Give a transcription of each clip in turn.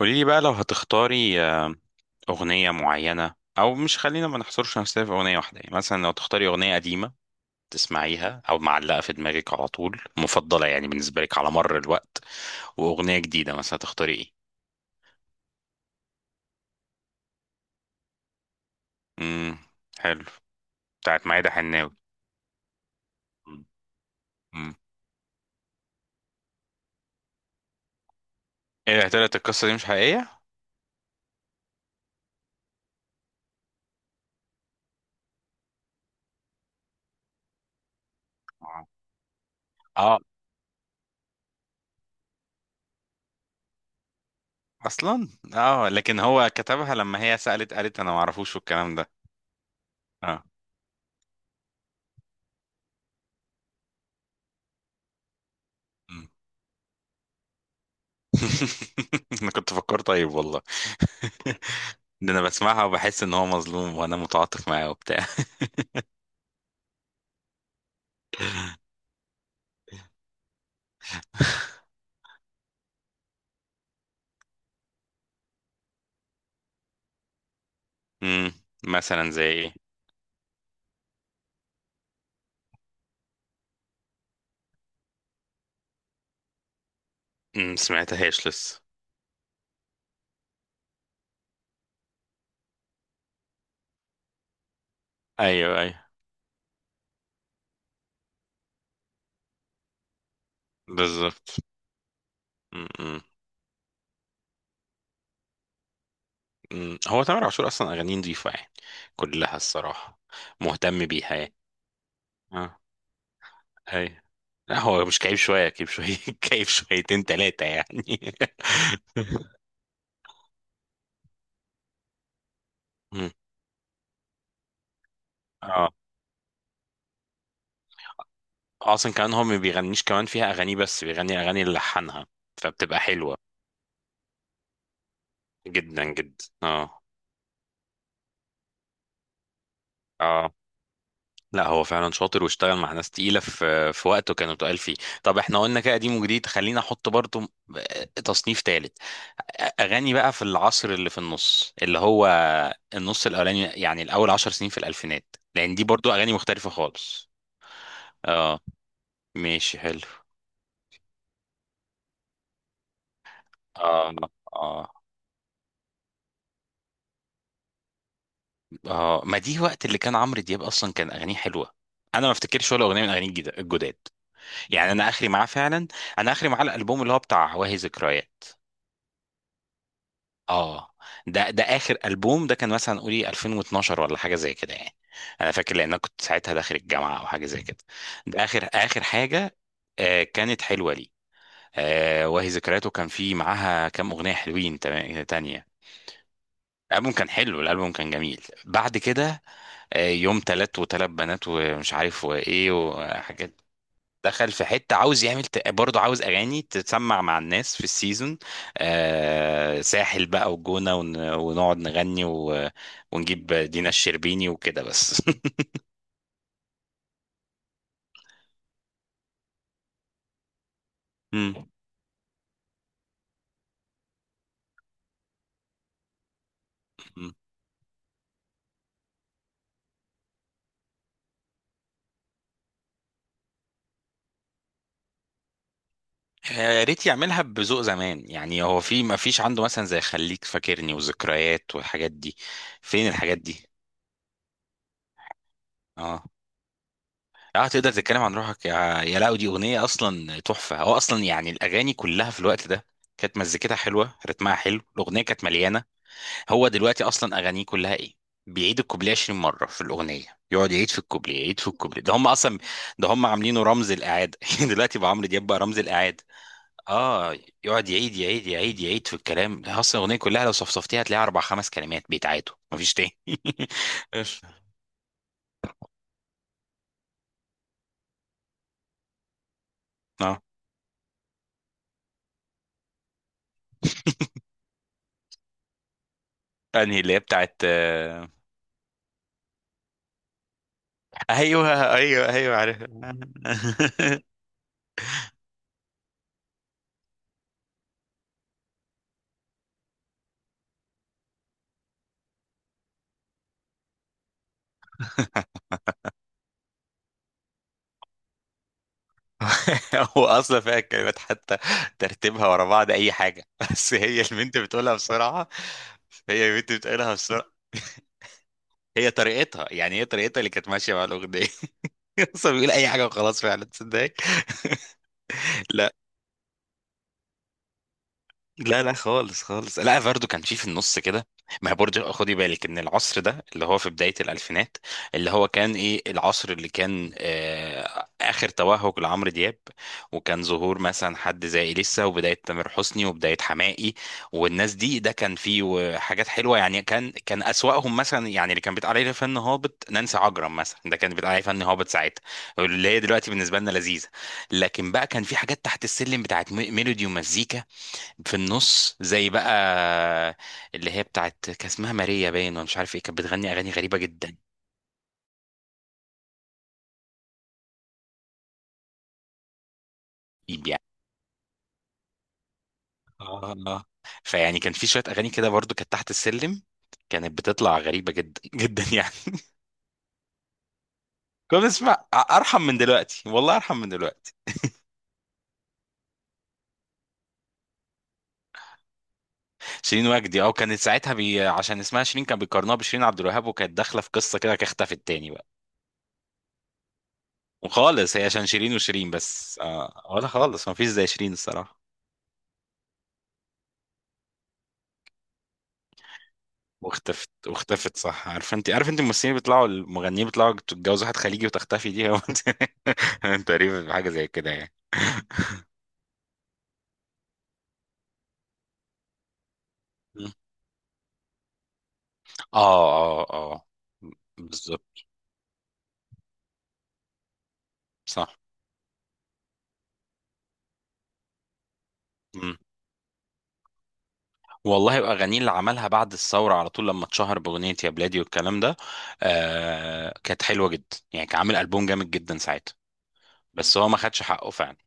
قولي لي بقى لو هتختاري أغنية معينة، أو مش خلينا ما نحصرش نفسنا في أغنية واحدة. يعني مثلا لو تختاري أغنية قديمة تسمعيها أو معلقة في دماغك على طول، مفضلة يعني بالنسبة لك على مر الوقت، وأغنية جديدة مثلا، هتختاري إيه؟ امم حلو. بتاعت ميادة حناوي. امم إيه يا طلعت، القصة دي مش حقيقية؟ آه. آه. أصلا. آه، لكن هو كتبها لما هي سألت قالت أنا معرفوش والكلام ده. آه. انا كنت فكرت طيب والله. ده انا بسمعها وبحس ان هو مظلوم وانا متعاطف معاه وبتاع. امم مثلا زي ايه. سمعتهاش لسه. ايوه ايوه. بالظبط. امم. أمم. هو تامر عاشور اصلا اغانيه نضيفه يعني كلها الصراحه، مهتم بيها يعني. اه، ايوه. لا هو مش كئيب شويه، كئيب شويه كئيب شويتين ثلاثه يعني. أمم. اه، آه. اصلا كمان هو ما بيغنيش كمان فيها اغاني، بس بيغني اغاني اللي لحنها فبتبقى حلوه. جدا جدا اه. اه لا هو فعلا شاطر، واشتغل مع ناس تقيله في وقته كانوا تقال فيه. طب احنا قلنا كده قديم وجديد، خلينا احط برضو تصنيف ثالث، اغاني بقى في العصر اللي في النص، اللي هو النص الاولاني، يعني الاول عشر سنين في الالفينات، لان دي برضو اغاني مختلفه خالص. اه ماشي حلو. اه اه اه، ما دي وقت اللي كان عمرو دياب اصلا كان اغانيه حلوه. انا ما افتكرش ولا اغنيه من اغانيه الجداد، يعني انا اخري معاه فعلا. انا اخري معاه الالبوم اللي هو بتاع واهي ذكريات. اه، ده اخر البوم ده كان مثلا قولي 2012 ولا حاجه زي كده يعني. انا فاكر لان انا كنت ساعتها داخل الجامعه او حاجه زي كده. ده اخر اخر حاجه. آه كانت حلوه لي. آه وهي ذكرياته كان في معاها كام اغنيه حلوين تانية. الالبوم كان حلو، الالبوم كان جميل. بعد كده يوم تلات وتلات بنات ومش عارف وايه وحاجات. دخل في حتة عاوز يعمل برضه عاوز أغاني تتسمع مع الناس في السيزون. آه ساحل بقى وجونة ونقعد نغني ونجيب دينا الشربيني وكده بس. مم. مم. يا ريت يعملها بذوق زمان، يعني هو في ما فيش عنده مثلا زي خليك فاكرني وذكريات والحاجات دي؟ فين الحاجات دي؟ اه. اه تقدر تتكلم عن روحك، يا لا، دي اغنيه اصلا تحفه، هو اصلا يعني الاغاني كلها في الوقت ده كانت مزيكتها حلوه، رتمها حلو، الاغنيه كانت مليانه. هو دلوقتي اصلا اغانيه كلها ايه، بيعيد الكوبليه 20 مره في الاغنيه، يقعد يعيد في الكوبليه، يعيد في الكوبليه، ده هم اصلا ده هم عاملينه رمز الاعاده. دلوقتي بقى عمرو دياب بقى رمز الاعاده. اه، يقعد يعيد يعيد يعيد يعيد في الكلام، اصلا الاغنيه كلها لو صفصفتيها هتلاقيها اربع خمس كلمات بيتعادوا مفيش تاني. اه، انهي اللي هي بتاعت ايوه ايوه ايوه عارف. هو اصلا فيها الكلمات حتى ترتيبها ورا بعض اي حاجه، بس هي البنت بتقولها بسرعه. هي البنت بتقولها بسرعه، هي طريقتها يعني، هي طريقتها اللي كانت ماشيه مع الاغنيه. اصلا بيقول اي حاجه وخلاص، فعلا تصدق. لا لا خالص خالص، لا فاردو كان فيه في النص كده. ما هي برضه خدي بالك ان العصر ده اللي هو في بداية الألفينات، اللي هو كان ايه، العصر اللي كان آه آخر توهج لعمرو دياب، وكان ظهور مثلا حد زي إليسا وبداية تامر حسني وبداية حماقي والناس دي. ده كان فيه حاجات حلوة يعني، كان أسوأهم مثلا، يعني اللي كان بيتقال عليه فن هابط نانسي عجرم مثلا، ده كان بيتقال عليه فن هابط ساعتها، اللي هي دلوقتي بالنسبة لنا لذيذة. لكن بقى كان في حاجات تحت السلم بتاعت ميلودي ومزيكا في النص، زي بقى اللي هي بتاعت، كان اسمها ماريا باين ولا مش عارف ايه، كانت بتغني اغاني غريبه جدا يعني. اه آه. فيعني كان في شويه اغاني كده برضو كانت تحت السلم، كانت بتطلع غريبه جدا جدا يعني. كنا بنسمع ارحم من دلوقتي، والله ارحم من دلوقتي. شيرين وجدي، اه، كانت ساعتها عشان اسمها شيرين كان بيقارنوها بشيرين عبد الوهاب، وكانت داخله في قصه كده، كانت اختفت تاني بقى، وخالص، هي عشان شيرين وشيرين بس آه، ولا خالص ما فيش زي شيرين الصراحه. واختفت واختفت صح. عارف انت، عارف انت الممثلين بيطلعوا المغنيين بيطلعوا تتجوز واحد خليجي وتختفي، دي هو تقريبا حاجة زي كده يعني. مم. اه اه اه. بالظبط صح. مم. والله اغانيه اللي عملها بعد الثوره على طول لما اتشهر باغنيه يا بلادي والكلام ده، آه كانت حلوه جدا يعني، كان عامل البوم جامد جدا ساعتها، بس هو ما خدش حقه فعلا.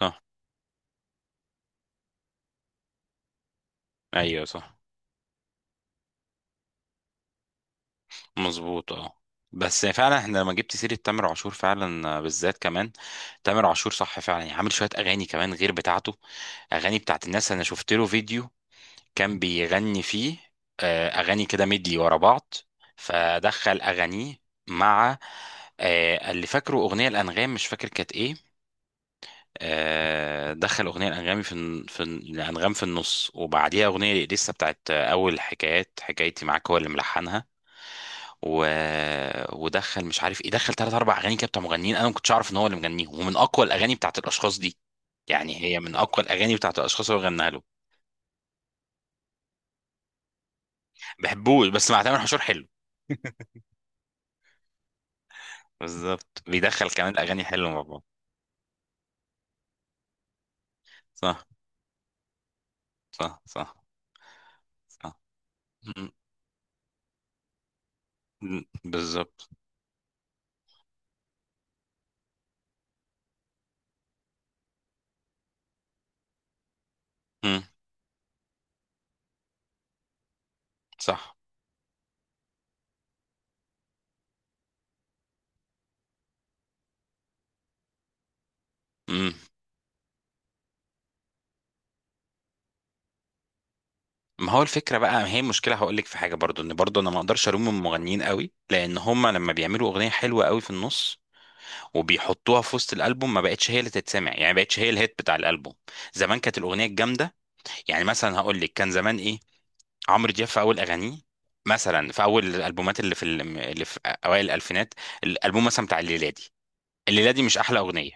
صح. ايوه صح. مظبوط اه. بس فعلا احنا لما جبت سيرة تامر عاشور فعلا بالذات كمان تامر عاشور، صح فعلا، يعني عامل شوية أغاني كمان غير بتاعته، أغاني بتاعت الناس. أنا شفت له فيديو كان بيغني فيه أغاني كده مدي ورا بعض، فدخل أغانيه مع اللي فاكره أغنية الأنغام، مش فاكر كانت إيه. دخل أغنية الأنغام الأنغام في النص، وبعديها أغنية لسه بتاعت أول حكايات، حكايتي معاك هو اللي ملحنها. و... ودخل مش عارف ايه، دخل ثلاث اربع اغاني كده بتاع مغنيين انا ما كنتش اعرف ان هو اللي مغنيهم، ومن اقوى الاغاني بتاعت الاشخاص دي، يعني هي من اقوى الاغاني بتاعت الاشخاص اللي هو غناها له. بحبوش بس مع تامر حشور حلو. بالظبط، بيدخل كمان اغاني حلوه مع بعض. صح صح. صح صح. م- بالظبط. م- صح. م. ما هو الفكره بقى، ما هي المشكله، هقول لك في حاجه برضو ان برضو انا ما اقدرش الوم المغنيين قوي، لان هم لما بيعملوا اغنيه حلوه قوي في النص وبيحطوها في وسط الالبوم ما بقتش هي اللي تتسمع، يعني ما بقتش هي الهيت بتاع الالبوم. زمان كانت الاغنيه الجامده، يعني مثلا هقول لك كان زمان ايه، عمرو دياب في اول اغانيه مثلا في اول الالبومات اللي اللي في اوائل الالفينات، الالبوم مثلا بتاع الليلادي. الليلادي مش احلى اغنيه،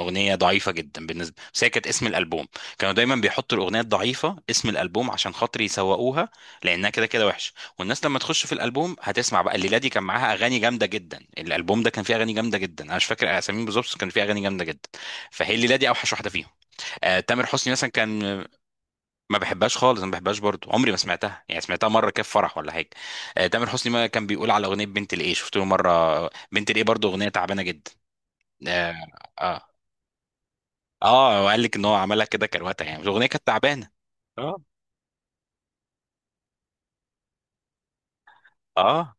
أغنية ضعيفة جدا بالنسبة، بس هي كانت اسم الألبوم. كانوا دايما بيحطوا الأغنية الضعيفة اسم الألبوم عشان خاطر يسوقوها، لأنها كده كده وحشة، والناس لما تخش في الألبوم هتسمع بقى. الليلة دي كان معاها أغاني جامدة جدا، الألبوم ده كان فيه أغاني جامدة جدا، أنا مش فاكر أساميهم بالظبط بس كان فيه أغاني جامدة جدا. فهي الليلة دي أوحش واحدة فيهم. آه تامر حسني مثلا كان ما بحبهاش خالص، ما بحبهاش برضو، عمري ما سمعتها يعني، سمعتها مرة كده في فرح ولا حاجة. آه تامر حسني ما كان بيقول على أغنية بنت الإيه، شفت له مرة بنت الإيه، برضو أغنية تعبانة جدا. آه. آه. اه وقال لك ان هو عملها كده كروته، يعني الاغنيه كانت تعبانه. اه اه،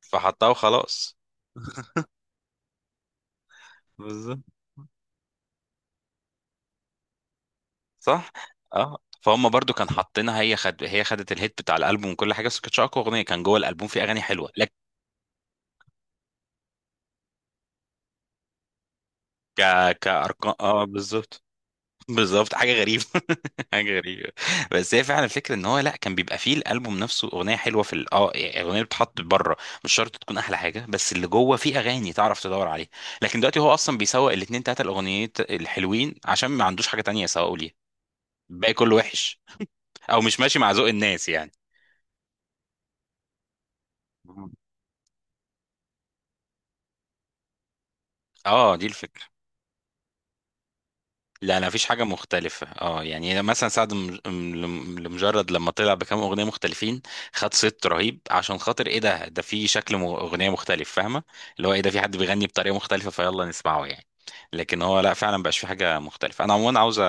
فحطها وخلاص. بالظبط. صح. اه، فهم برضو كان حاطينها، هي خد، هي خدت الهيت بتاع الالبوم وكل حاجه، بس ما كانتش اقوى اغنيه، كان جوه الالبوم في اغاني حلوه لك. ك كارقام اه، بالظبط. بالظبط، حاجه غريبه حاجه غريبه. بس هي فعلا الفكره ان هو لا، كان بيبقى فيه الالبوم نفسه اغنيه حلوه اه يعني الاغنيه اللي بتتحط بره مش شرط تكون احلى حاجه، بس اللي جوه فيه اغاني تعرف تدور عليها. لكن دلوقتي هو اصلا بيسوق الاثنين ثلاثه الاغنيات الحلوين عشان ما عندوش حاجه تانية يسوقوا ليها. الباقي كله وحش، او مش ماشي مع ذوق الناس يعني. اه دي الفكره. لا لا مفيش حاجة مختلفة اه، يعني مثلا سعد لمجرد لما طلع بكام أغنية مختلفين خد صيت رهيب، عشان خاطر ايه، ده ده في شكل أغنية مختلف فاهمة، اللي هو ايه، ده في حد بيغني بطريقة مختلفة فيلا نسمعه يعني. لكن هو لا فعلا مبقاش في حاجة مختلفة. أنا عموما عاوز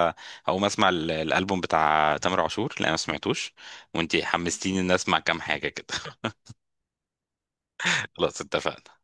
أقوم أسمع الألبوم بتاع تامر عاشور، لا ما سمعتوش. وأنتي حمستيني إن أسمع كام حاجة كده. خلاص اتفقنا.